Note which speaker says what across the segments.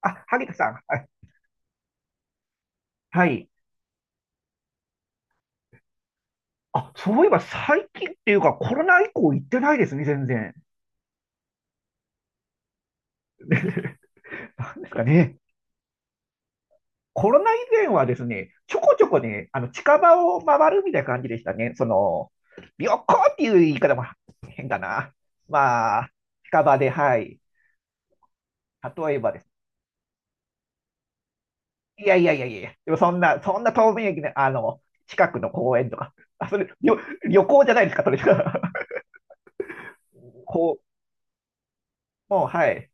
Speaker 1: あ、萩田さん。はい。はい。あ、そういえば最近っていうかコロナ以降行ってないですね、全然。なんですかね。コロナ以前はですね、ちょこちょこね、近場を回るみたいな感じでしたね。その、旅行っていう言い方も変だな。まあ、近場で、はい。例えばです。いやいやいやいや、でもそんな遠明駅の、近くの公園とか。あ、それ、旅行じゃないですか、それ。こう、もう、はい。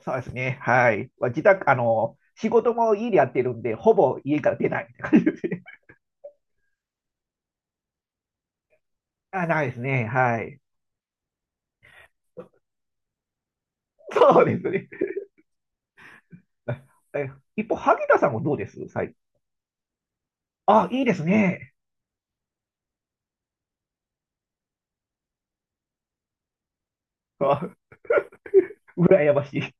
Speaker 1: そうですね。はい。まあ自宅、仕事も家でやってるんで、ほぼ家から出ないみたいな感じですね。あ、ないですね。はい。そうですね。え、一方、萩田さんもどうです最あ、いいですね。あ、羨ましい。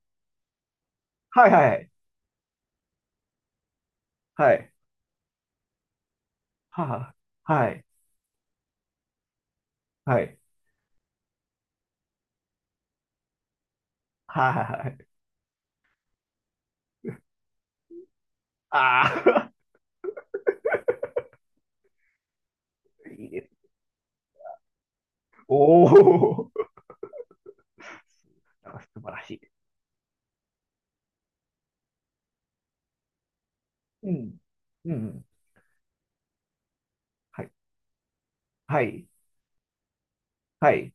Speaker 1: はいはい。はい。はあ、はい。はい。はいはいはいはあはいはいはいはいああ、いいです。おお、なんか素晴らしい。うん。うん。はい。はい。はい。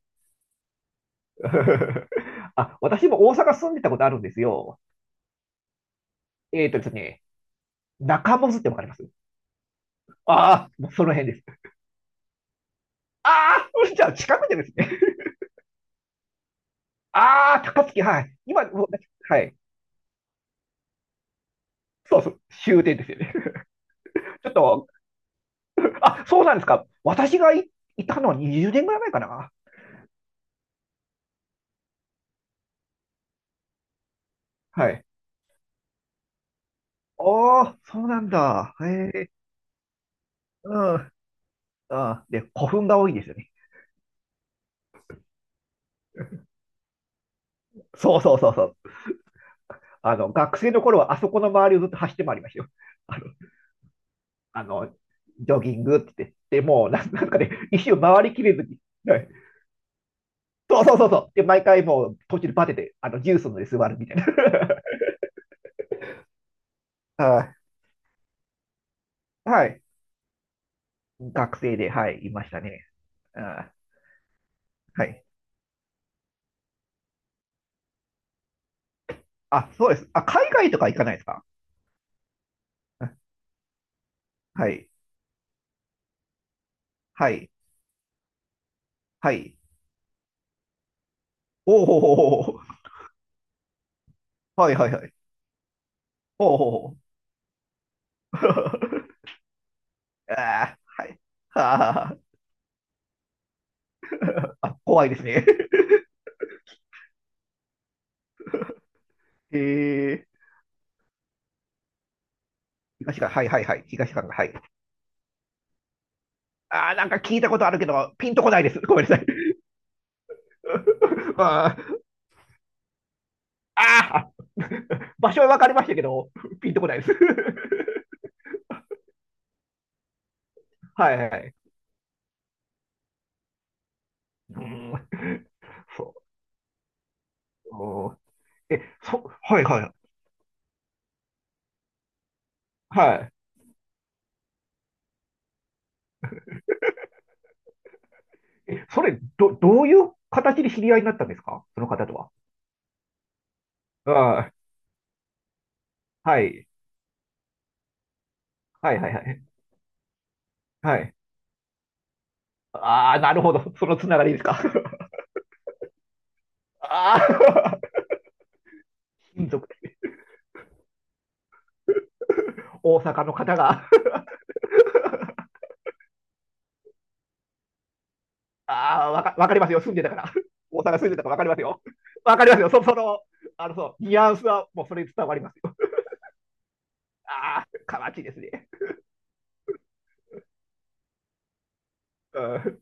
Speaker 1: あ、私も大阪住んでたことあるんですよ。えっとですね、中モスってわかりますああ、その辺です。ああ、じゃあ近くでですね。ああ、高槻、はい。今、もうはい。そうそう、終点ですよね。ちょっと、あ、そうなんですか。私がい、いたのは20年ぐらい前かな。はい。おー、そうなんだ。へえ、うん、うん。で、古墳が多いですよね。そうそうそうそう。あの、学生の頃はあそこの周りをずっと走って回りましたよ。あの、あの、ジョギングって言って、でもうなんなんかね、一周回りきれずに、はいそうそうそうそう。で、毎回もう途中でバテて、ジュースので座るみたいな。はいはい。学生で、はい、いましたね。あはい。あ、そうです。あ、海外とか行かないですかあはい。はい。はい。おおほほほほ。はいはいはい。おおほほほ。あーはい。はあ、怖いですね。えー、東館、はいはいはい。東館が、はい。あーなんか聞いたことあるけど、ピンとこないです。ごめんなさい。あーああ 場所は分かりましたけど、ピンとこないです。はいはい。うん、そう。え、そ、はいはい。はい。え、それ、どういう形で知り合いになったんですかその方とは。ああ、はい。はいはいはい。はい。ああ、なるほど。そのつながりですか。ああ、親族、大阪の方が ああ、わかりますよ。住んでたから。大阪住んでたからわかりますよ。わかりますよ。そ、その、そう、ニュアンスはもうそれ伝わりますよ。ああ、かわちいですね。うん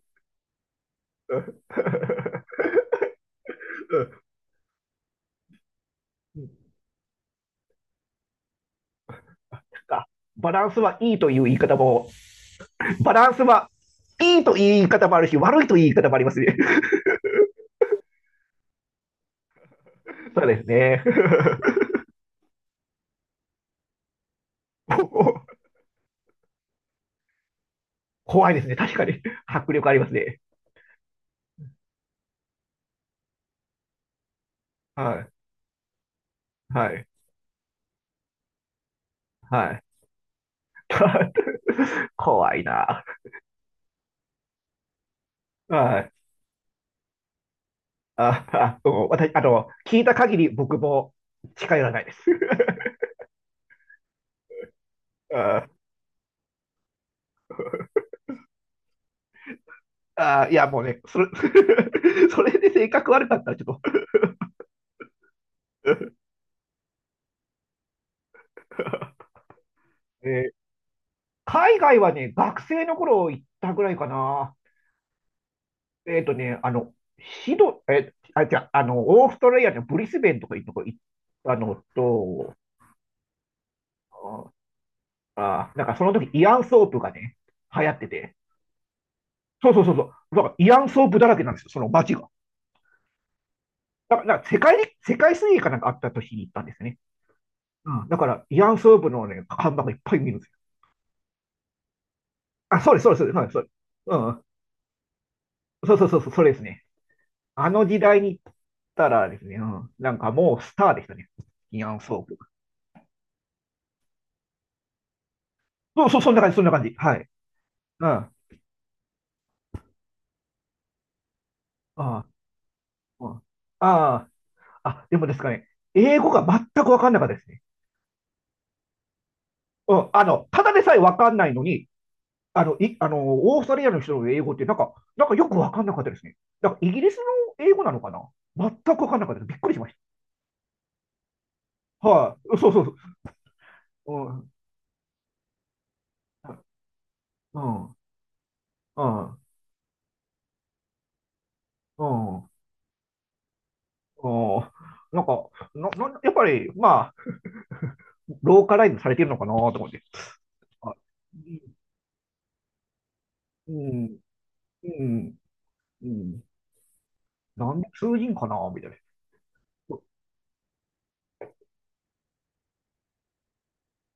Speaker 1: うんなんかバランスはいいという言い方も、バランスはいいという言い方もあるし、悪いという言い方もありますね。そうですね。怖いですね。確かに。迫力ありますね。はい。はい。はい。怖いな。はい。あ、あ、うん私、聞いた限り僕も近寄らないです。ああ、いや、もうね、それ、それで性格悪かったらちょっと、えー海外はね、学生の頃行ったぐらいかな。えっとね、シド、え、あ、じゃあ、オーストラリアのブリスベンとかいうとこ行ったのと、あ、あなんかその時イアンソープがね、流行ってて、そうそうそうそう、だからイアンソープだらけなんですよ、その街が。だから世界に、世界水泳かなんかあった年に行ったんですね。うん、だから、慰安婦部のね、看板がいっぱい見るんですよ。あ、そうです、そうです、そうです。そうですうん。そうそうそうそう、それですね。あの時代に行ったらですね、うん、なんかもうスターでしたね。慰安婦部。そうそう、そんな感じ、そんな感じ。はい。うん。ああ、うん、ああ、あ、でもですかね、英語が全くわかんなかったですね。うん、ただでさえわかんないのに、あの、い、あの、オーストラリアの人の英語って、なんかよくわかんなかったですね。だから、イギリスの英語なのかな全くわかんなかったです。びっくりしました。はい、そうそうそう。うん、うん、うん、うん、うん。なんか、な、な、やっぱり、まあ、ローカライズされてるのかなと思って。あ、うん、うん、うん。なんで通じんかなみたいな。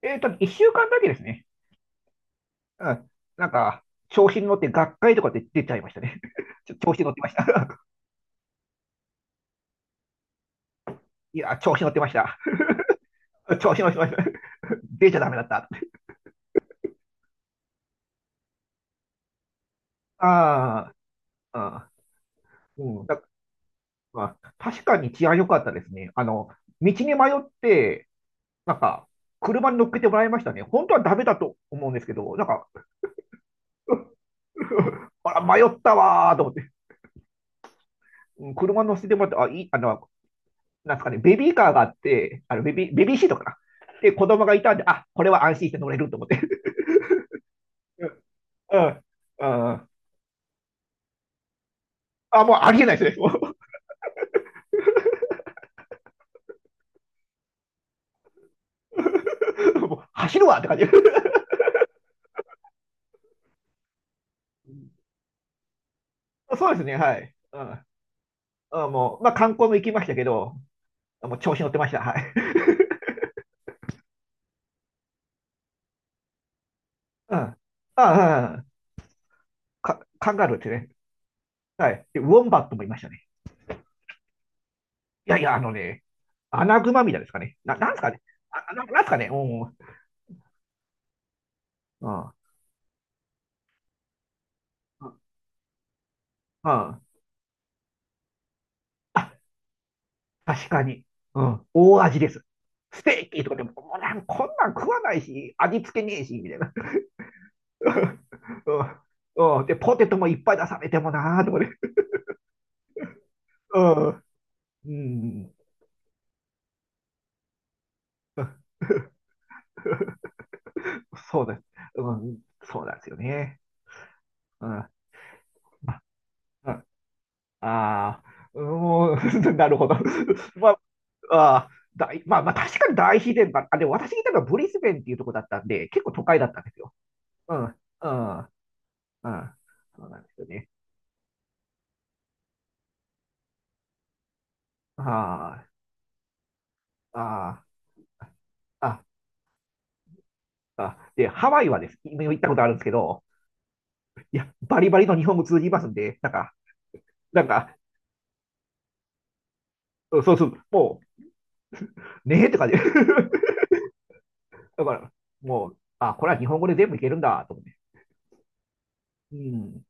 Speaker 1: えっと、一週間だけですね。うん。なんか、調子に乗って学会とかで出ちゃいましたね。調子に乗ってました。いや、調子に乗ってました。調子に乗ってました。出ちゃダメだった。ああ、うん、うん。だ、まあ、確かに治安良かったですね。あの、道に迷って、なんか、車に乗っけてもらいましたね。本当はダメだと思うんですけど、なんか、あら、迷ったわーと思って、うん車に乗せてもらって、あ、いい、なんですかね、ベビーカーがあって、ベビーシートかな。で、子供がいたんで、あ、これは安心して乗れると思って。うん、うん。うんあ、もうありえないですね。もう走るわって感じ。そうですね、はい。うん。あもう、まあ、観光も行きましたけど、もう調子乗ってました。はい。うん。ああ、うんか、カンガルーってね。はい。で、ウォンバットもいましたね。いやいや、あのね、アナグマみたいですかね。なんすかね。あ、なんすかね。うん。うん。うんあ、確かに。うん。大味です。ステーキとかでも、もうなんこんなん食わないし、味付けねえし、みたいな。うん。うん。で、ポテトもいっぱい出されてもなーとかね。うん。うん。そうです。うん。そうなんですよね。うん。まあうんああ、もん なるほど。まあ、あー大、まあ、まあ、確かに大自然ば、あ、でも私がいたのはブリスベンっていうとこだったんで、結構都会だったんですよ。うん、うん、うん。そうなんですよね。ああ、ああ、ああ。で、ハワイはです。今行ったことあるんですけど、いや、バリバリの日本語通じますんで、なんか、なんか、うんそうそう、もう、ねえって感じ。だから、もう、あ、これは日本語で全部いけるんだ、と思って。うん。